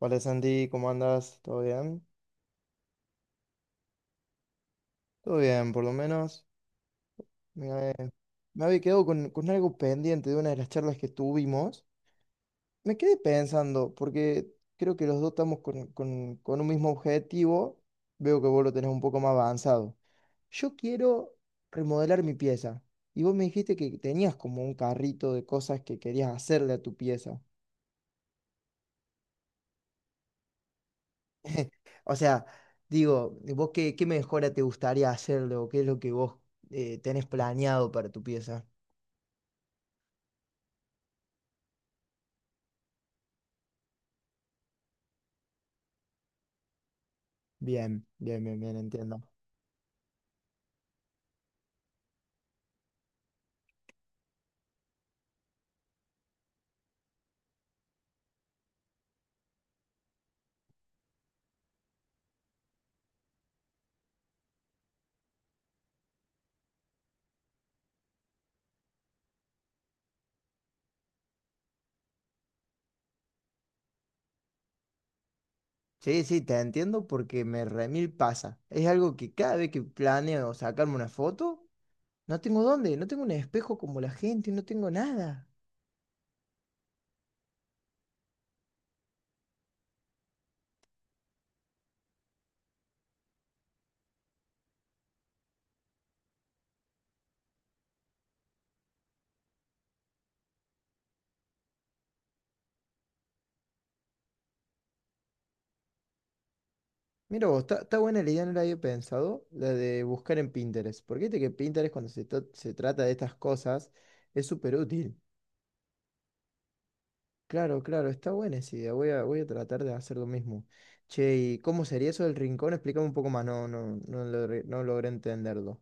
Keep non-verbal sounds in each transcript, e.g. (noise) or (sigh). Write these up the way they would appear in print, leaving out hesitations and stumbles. Hola Santi, ¿cómo andas? ¿Todo bien? Todo bien, por lo menos. Me, me había quedado con algo pendiente de una de las charlas que tuvimos. Me quedé pensando, porque creo que los dos estamos con, con un mismo objetivo. Veo que vos lo tenés un poco más avanzado. Yo quiero remodelar mi pieza. Y vos me dijiste que tenías como un carrito de cosas que querías hacerle a tu pieza. (laughs) O sea, digo, ¿vos qué mejora te gustaría hacerle o qué es lo que vos tenés planeado para tu pieza? Bien, bien, bien, bien, entiendo. Sí, sí, te entiendo porque me remil pasa. Es algo que cada vez que planeo sacarme una foto, no tengo dónde, no tengo un espejo como la gente, no tengo nada. Mira vos, está buena la idea, no la había pensado, la de buscar en Pinterest. Porque viste que Pinterest cuando se trata de estas cosas es súper útil. Claro, claro, está buena esa idea. Voy a tratar de hacer lo mismo. Che, ¿y cómo sería eso del rincón? Explícame un poco más. No, no, no logré entenderlo.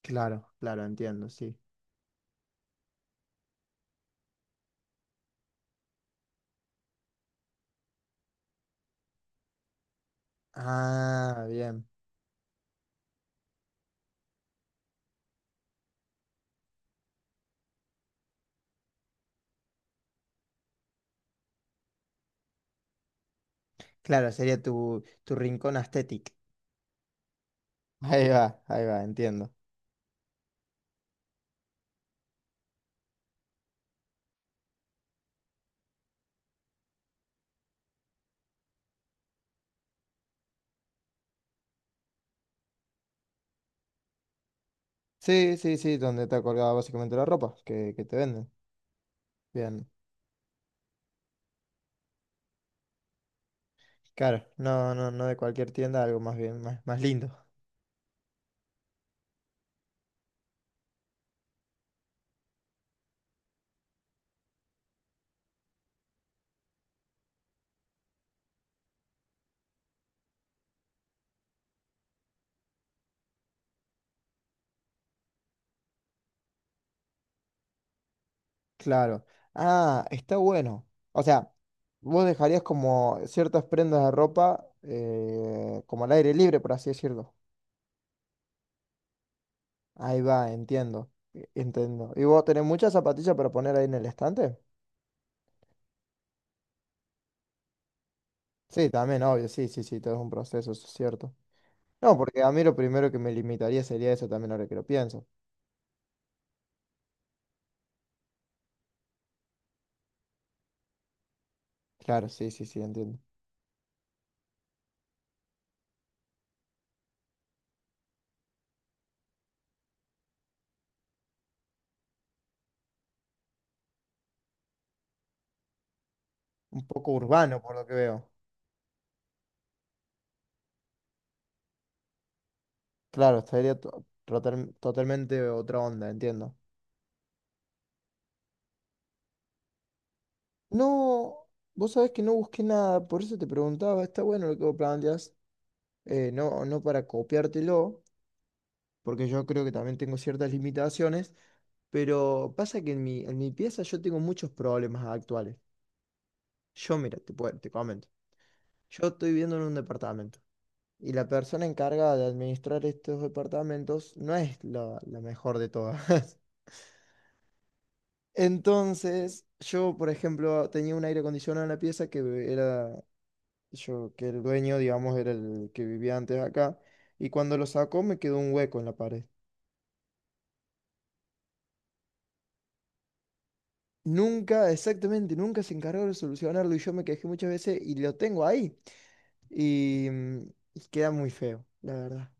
Claro, claro, entiendo, sí. Ah, bien. Claro, sería tu rincón aesthetic. Ahí va, entiendo. Sí, sí, sí, donde está colgada básicamente la ropa que te venden. Bien. Claro, no, no, no de cualquier tienda, algo más bien, más lindo. Claro. Ah, está bueno. O sea, vos dejarías como ciertas prendas de ropa como al aire libre, por así decirlo. Ahí va, entiendo. Entiendo. ¿Y vos tenés muchas zapatillas para poner ahí en el estante? Sí, también, obvio, sí, sí, sí, todo es un proceso, eso es cierto. No, porque a mí lo primero que me limitaría sería eso también ahora que lo pienso. Claro, sí, sí, sí, entiendo. Un poco urbano por lo que veo. Claro, estaría totalmente otra onda, entiendo. No, vos sabés que no busqué nada, por eso te preguntaba, está bueno lo que vos planteas, no, no para copiártelo, porque yo creo que también tengo ciertas limitaciones, pero pasa que en mi, pieza yo tengo muchos problemas actuales. Yo, mira, te comento, yo estoy viviendo en un departamento y la persona encargada de administrar estos departamentos no es la mejor de todas. (laughs) Entonces, yo, por ejemplo, tenía un aire acondicionado en la pieza que era yo, que el dueño, digamos, era el que vivía antes acá, y cuando lo sacó me quedó un hueco en la pared. Nunca, exactamente, nunca se encargó de solucionarlo y yo me quejé muchas veces y lo tengo ahí. Y, mm, y queda muy feo, la verdad.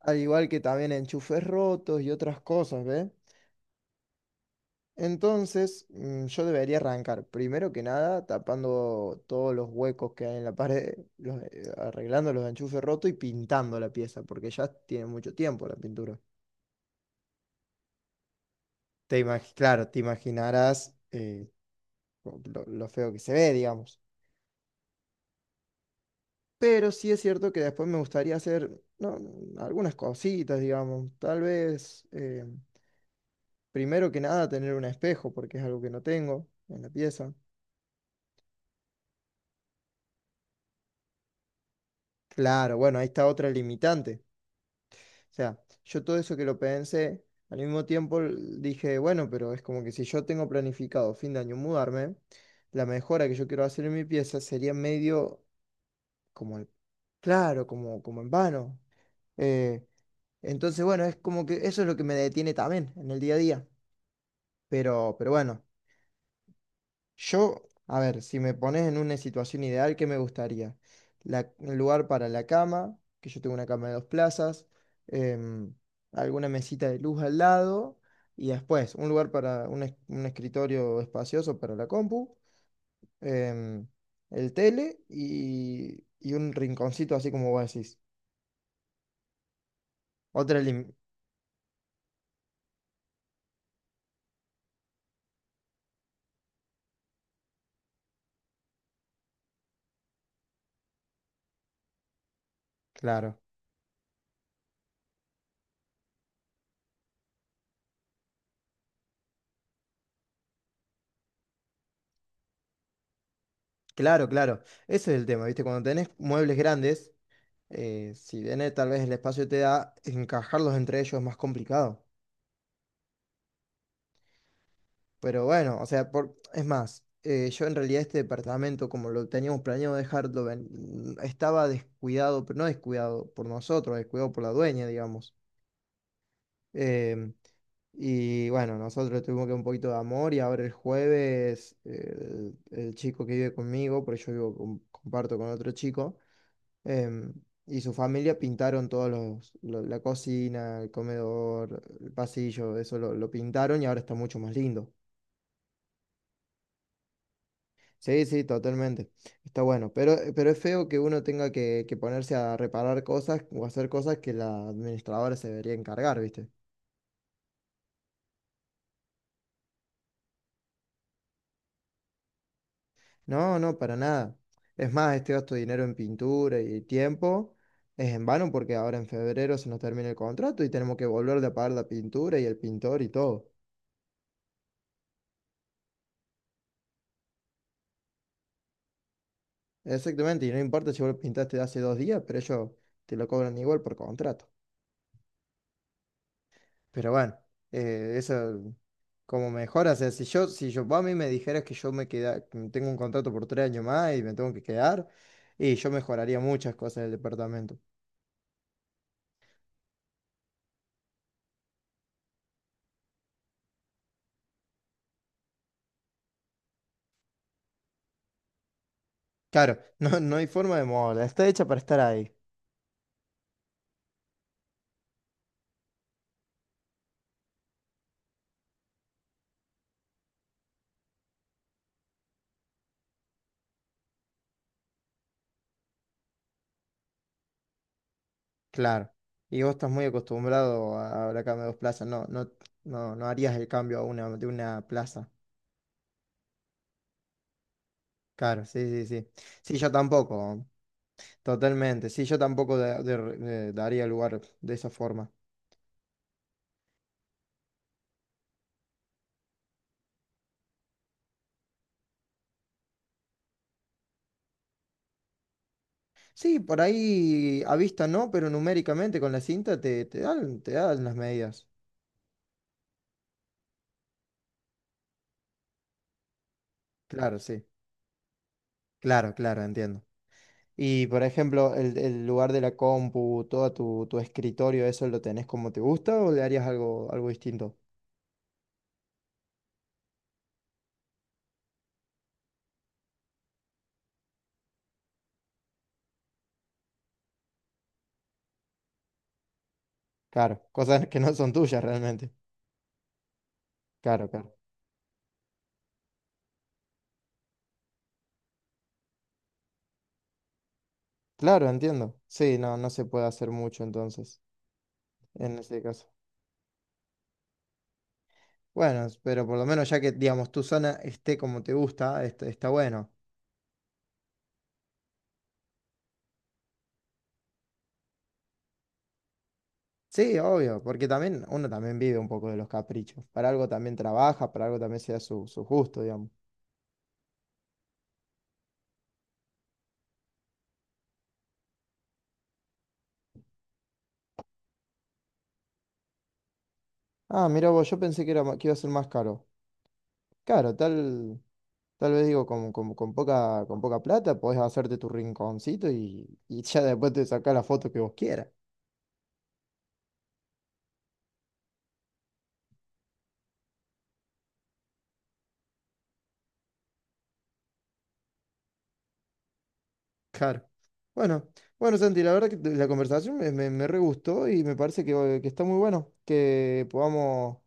Al igual que también enchufes rotos y otras cosas, ¿ves? Entonces, yo debería arrancar, primero que nada, tapando todos los huecos que hay en la pared, arreglando los enchufes rotos y pintando la pieza, porque ya tiene mucho tiempo la pintura. Claro, te imaginarás lo feo que se ve, digamos. Pero sí es cierto que después me gustaría hacer no, algunas cositas, digamos. Tal vez, primero que nada, tener un espejo, porque es algo que no tengo en la pieza. Claro, bueno, ahí está otra limitante. O sea, yo todo eso que lo pensé, al mismo tiempo dije, bueno, pero es como que si yo tengo planificado fin de año mudarme, la mejora que yo quiero hacer en mi pieza sería medio como el- claro, como en vano. Eh, entonces, bueno, es como que eso es lo que me detiene también en el día a día. Pero bueno, yo, a ver, si me pones en una situación ideal, ¿qué me gustaría? La, un lugar para la cama, que yo tengo una cama de dos plazas, em, alguna mesita de luz al lado, y después un lugar para un escritorio espacioso para la compu, em, el tele y un rinconcito así como vos decís. Otra, elim- Claro, claro, claro. Ese es el tema, ¿viste? Cuando tenés muebles grandes, si bien tal vez el espacio te da, encajarlos entre ellos es más complicado. Pero bueno, o sea, es más, yo en realidad este departamento, como lo teníamos planeado dejarlo, estaba descuidado, pero no descuidado por nosotros, descuidado por la dueña, digamos. Em, y bueno, nosotros tuvimos que un poquito de amor y ahora el jueves el chico que vive conmigo, porque yo vivo comparto con otro chico em, y su familia pintaron todos la cocina, el comedor, el pasillo, eso lo pintaron y ahora está mucho más lindo. Sí, sí, totalmente. Está bueno. Pero es feo que uno tenga que ponerse a reparar cosas o hacer cosas que la administradora se debería encargar, ¿viste? No, no, para nada. Es más, este gasto de dinero en pintura y tiempo es en vano porque ahora en febrero se nos termina el contrato y tenemos que volver a pagar la pintura y el pintor y todo. Exactamente, y no importa si vos lo pintaste hace 2 días, pero ellos te lo cobran igual por contrato. Pero bueno, eso como mejora, o sea, si yo, vos a mí me dijeras que yo me queda, que tengo un contrato por 3 años más y me tengo que quedar, y yo mejoraría muchas cosas del departamento. Claro, (laughs) no, no hay forma de moverla, está hecha para estar ahí, claro. Y vos estás muy acostumbrado a la cama de dos plazas, no, no, no, no harías el cambio a una, de una plaza. Claro, sí, sí, sí. Sí, yo tampoco. Totalmente, sí, yo tampoco daría lugar de esa forma. Sí, por ahí a vista no, pero numéricamente con la cinta te dan las medidas. Claro, sí, claro, claro, entiendo. Y por ejemplo, el lugar de la compu, todo tu escritorio, ¿eso lo tenés como te gusta o le harías algo distinto? Claro, (laughs) cosas que no son tuyas realmente. Claro, claro. Claro, entiendo. Sí, no, no se puede hacer mucho entonces, en ese caso. Bueno, pero por lo menos ya que, digamos, tu zona esté como te gusta, está bueno. Sí, obvio, porque también uno también vive un poco de los caprichos. Para algo también trabaja, para algo también sea su, su gusto, digamos. Ah, mira vos, yo pensé que era, que iba a ser más caro. Claro, tal, tal vez digo, con poca plata podés hacerte tu rinconcito y ya después te sacás la foto que vos quieras. Claro. Bueno, bueno, Santi, la verdad que la conversación me re gustó y me parece que está muy bueno que podamos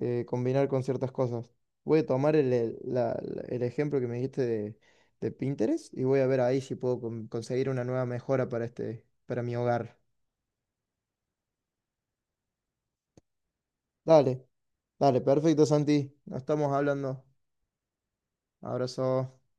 combinar con ciertas cosas. Voy a tomar el ejemplo que me dijiste de, Pinterest y voy a ver ahí si puedo conseguir una nueva mejora para mi hogar. Dale, dale, perfecto, Santi. Nos estamos hablando. Abrazo.